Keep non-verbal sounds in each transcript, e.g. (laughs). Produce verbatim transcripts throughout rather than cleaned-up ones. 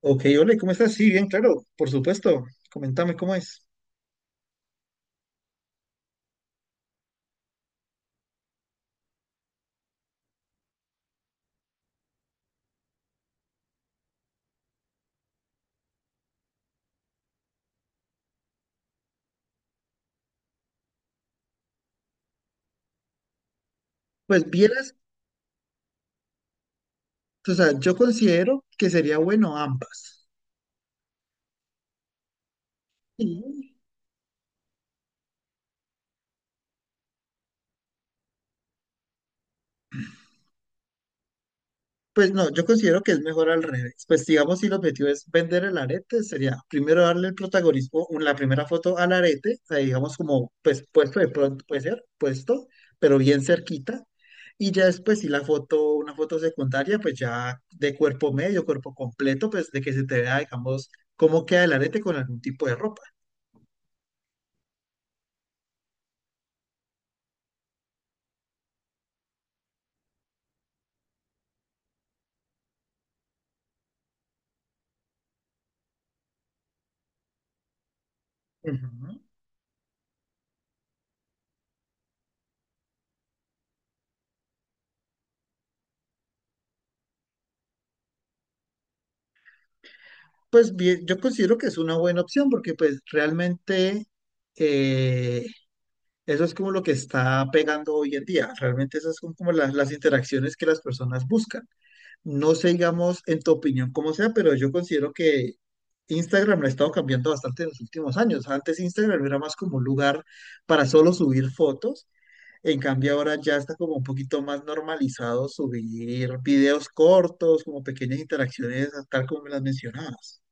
Ok, hola, ¿cómo estás? Sí, bien, claro, por supuesto. Coméntame cómo es. Pues vieras, o sea, yo considero que sería bueno ambas. Sí. Pues no, yo considero que es mejor al revés. Pues digamos, si el objetivo es vender el arete, sería primero darle el protagonismo, un- la primera foto al arete, o sea, digamos como, pues puesto de pronto, puede ser, puesto, pero bien cerquita. Y ya después, si la foto, una foto secundaria, pues ya de cuerpo medio, cuerpo completo, pues de que se te vea, digamos, cómo queda el arete con algún tipo de ropa. Ujú. Pues bien, yo considero que es una buena opción porque pues realmente eh, eso es como lo que está pegando hoy en día. Realmente esas son como las, las interacciones que las personas buscan. No sé, digamos, en tu opinión, cómo sea, pero yo considero que Instagram lo ha estado cambiando bastante en los últimos años. Antes Instagram era más como un lugar para solo subir fotos. En cambio, ahora ya está como un poquito más normalizado subir videos cortos, como pequeñas interacciones, tal como me las mencionabas.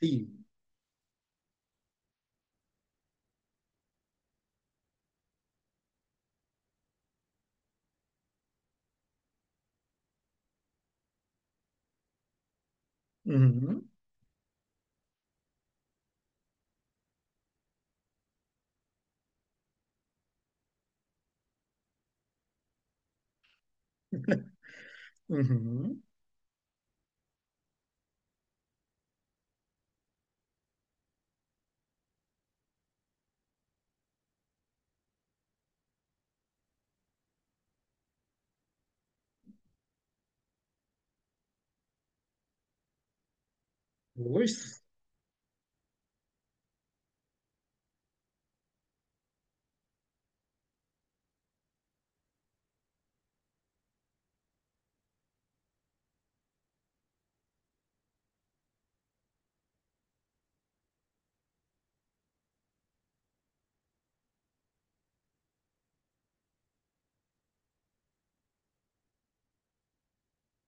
Sí. Ujú, ujú. Uy,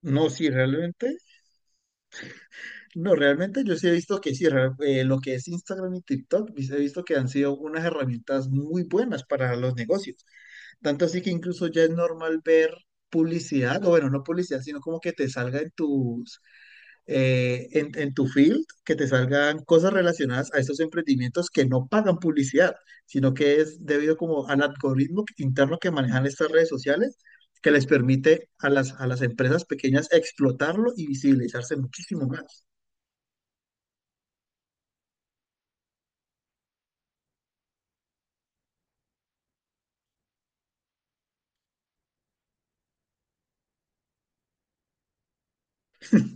no, sí, realmente. No, realmente yo sí he visto que sí, re- eh, lo que es Instagram y TikTok, pues, he visto que han sido unas herramientas muy buenas para los negocios. Tanto así que incluso ya es normal ver publicidad, o bueno, no publicidad, sino como que te salga en tus, eh, en, en tu field, que te salgan cosas relacionadas a estos emprendimientos que no pagan publicidad, sino que es debido como al algoritmo interno que manejan estas redes sociales, que les permite a las, a las empresas pequeñas explotarlo y visibilizarse muchísimo más.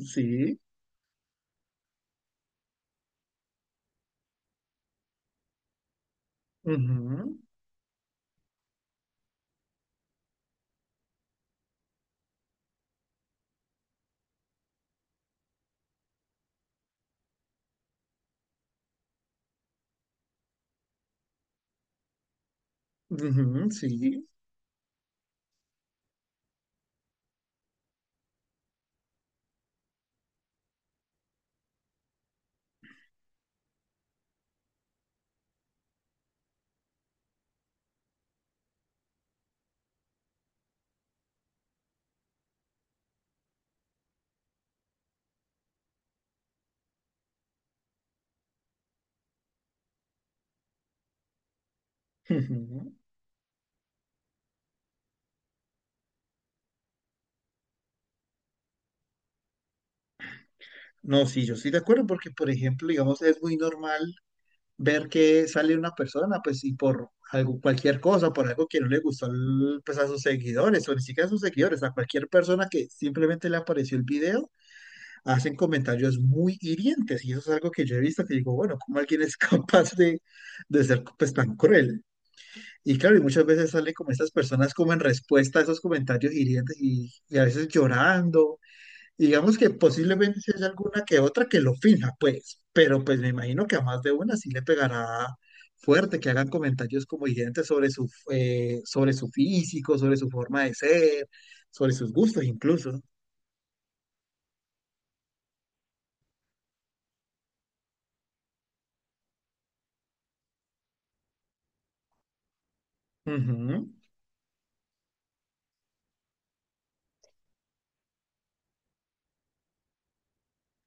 Sí. Ujú, ujú, sí. ujú. No, sí, yo estoy de acuerdo porque, por ejemplo, digamos, es muy normal ver que sale una persona, pues, y por algo, cualquier cosa, por algo que no le gustó, al- pues, a sus seguidores, o ni siquiera a sus seguidores, a cualquier persona que simplemente le apareció el video, hacen comentarios muy hirientes, y eso es algo que yo he visto, que digo, bueno, ¿cómo alguien es (laughs) capaz de, de ser, pues, tan cruel? Y claro, y muchas veces salen como estas personas como en respuesta a esos comentarios hirientes y, y a veces llorando. Digamos que posiblemente si haya alguna que otra que lo finja, pues, pero pues me imagino que a más de una sí le pegará fuerte, que hagan comentarios como hirientes sobre su, eh, sobre su físico, sobre su forma de ser, sobre sus gustos incluso. Ujú,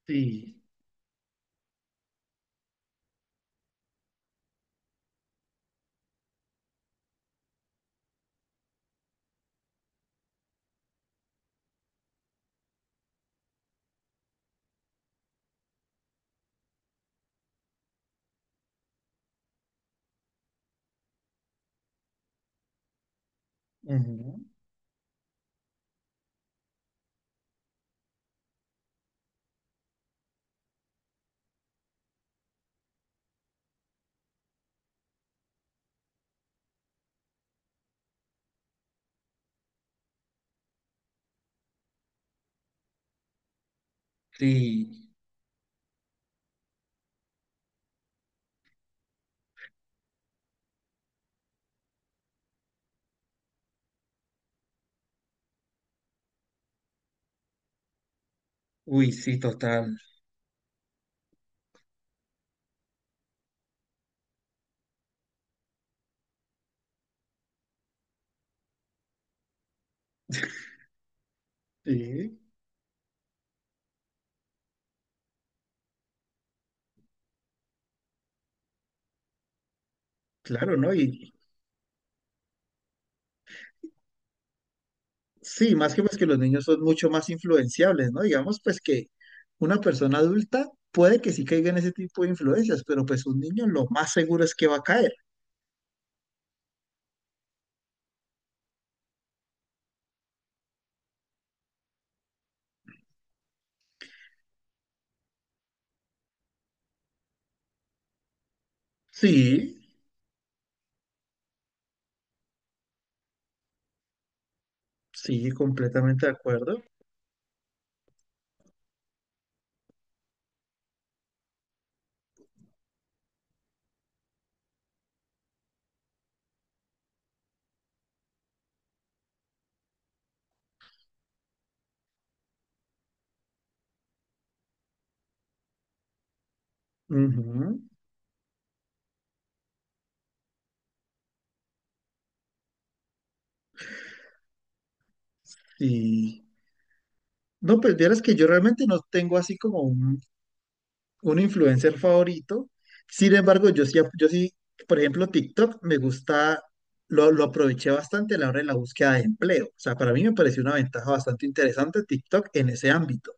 Sí, ujú, sí, uy, sí, total. Sí, claro, ¿no? Y, Sí, más que pues que los niños son mucho más influenciables, ¿no? Digamos pues que una persona adulta puede que sí caiga en ese tipo de influencias, pero pues un niño lo más seguro es que va a caer. Sí, sí, completamente de acuerdo. Ujú, sí. No, pues vieras que yo realmente no tengo así como un, un influencer favorito. Sin embargo, yo sí, yo sí, por ejemplo, TikTok me gusta, lo, lo aproveché bastante a la hora de la búsqueda de empleo. O sea, para mí me pareció una ventaja bastante interesante TikTok en ese ámbito.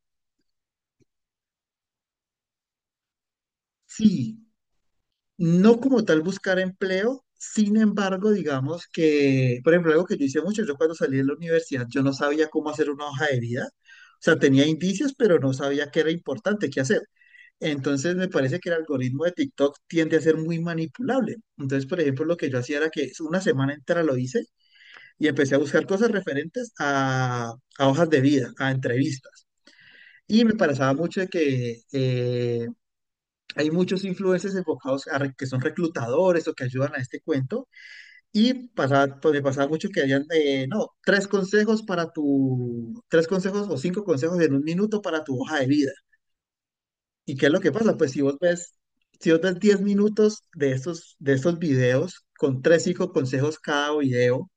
Sí, no como tal buscar empleo, sin embargo, digamos que, por ejemplo, algo que yo hice mucho, yo cuando salí de la universidad, yo no sabía cómo hacer una hoja de vida, o sea, tenía indicios, pero no sabía qué era importante, qué hacer. Entonces, me parece que el algoritmo de TikTok tiende a ser muy manipulable. Entonces, por ejemplo, lo que yo hacía era que una semana entera lo hice y empecé a buscar cosas referentes a, a hojas de vida, a entrevistas. Y me parecía mucho de que eh, hay muchos influencers enfocados a re- que son reclutadores o que ayudan a este cuento y pasa, pues, me pasaba mucho que habían, eh, no, tres consejos para tu, tres consejos o cinco consejos en un minuto para tu hoja de vida. ¿Y qué es lo que pasa? Pues si vos ves, si vos ves diez minutos de estos, de estos videos con tres, cinco consejos cada video,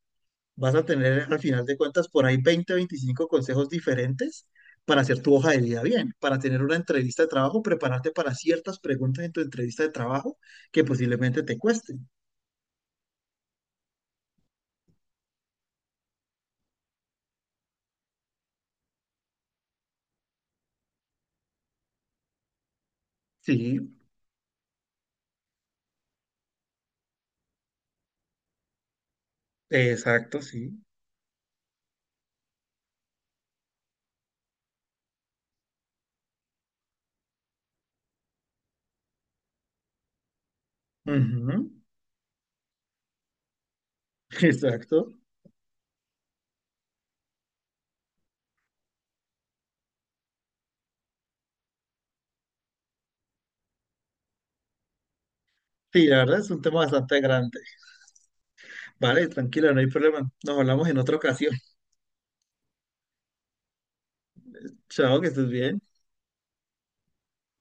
Vas a tener al final de cuentas por ahí veinte veinticinco consejos diferentes para hacer tu hoja de vida bien, para tener una entrevista de trabajo, prepararte para ciertas preguntas en tu entrevista de trabajo que posiblemente te cuesten. Sí, exacto, sí. Ujú, (laughs) exacto. Sí, la verdad es un tema bastante grande. Vale, tranquila, no hay problema. Nos hablamos en otra ocasión. (laughs) Chao, que estés bien.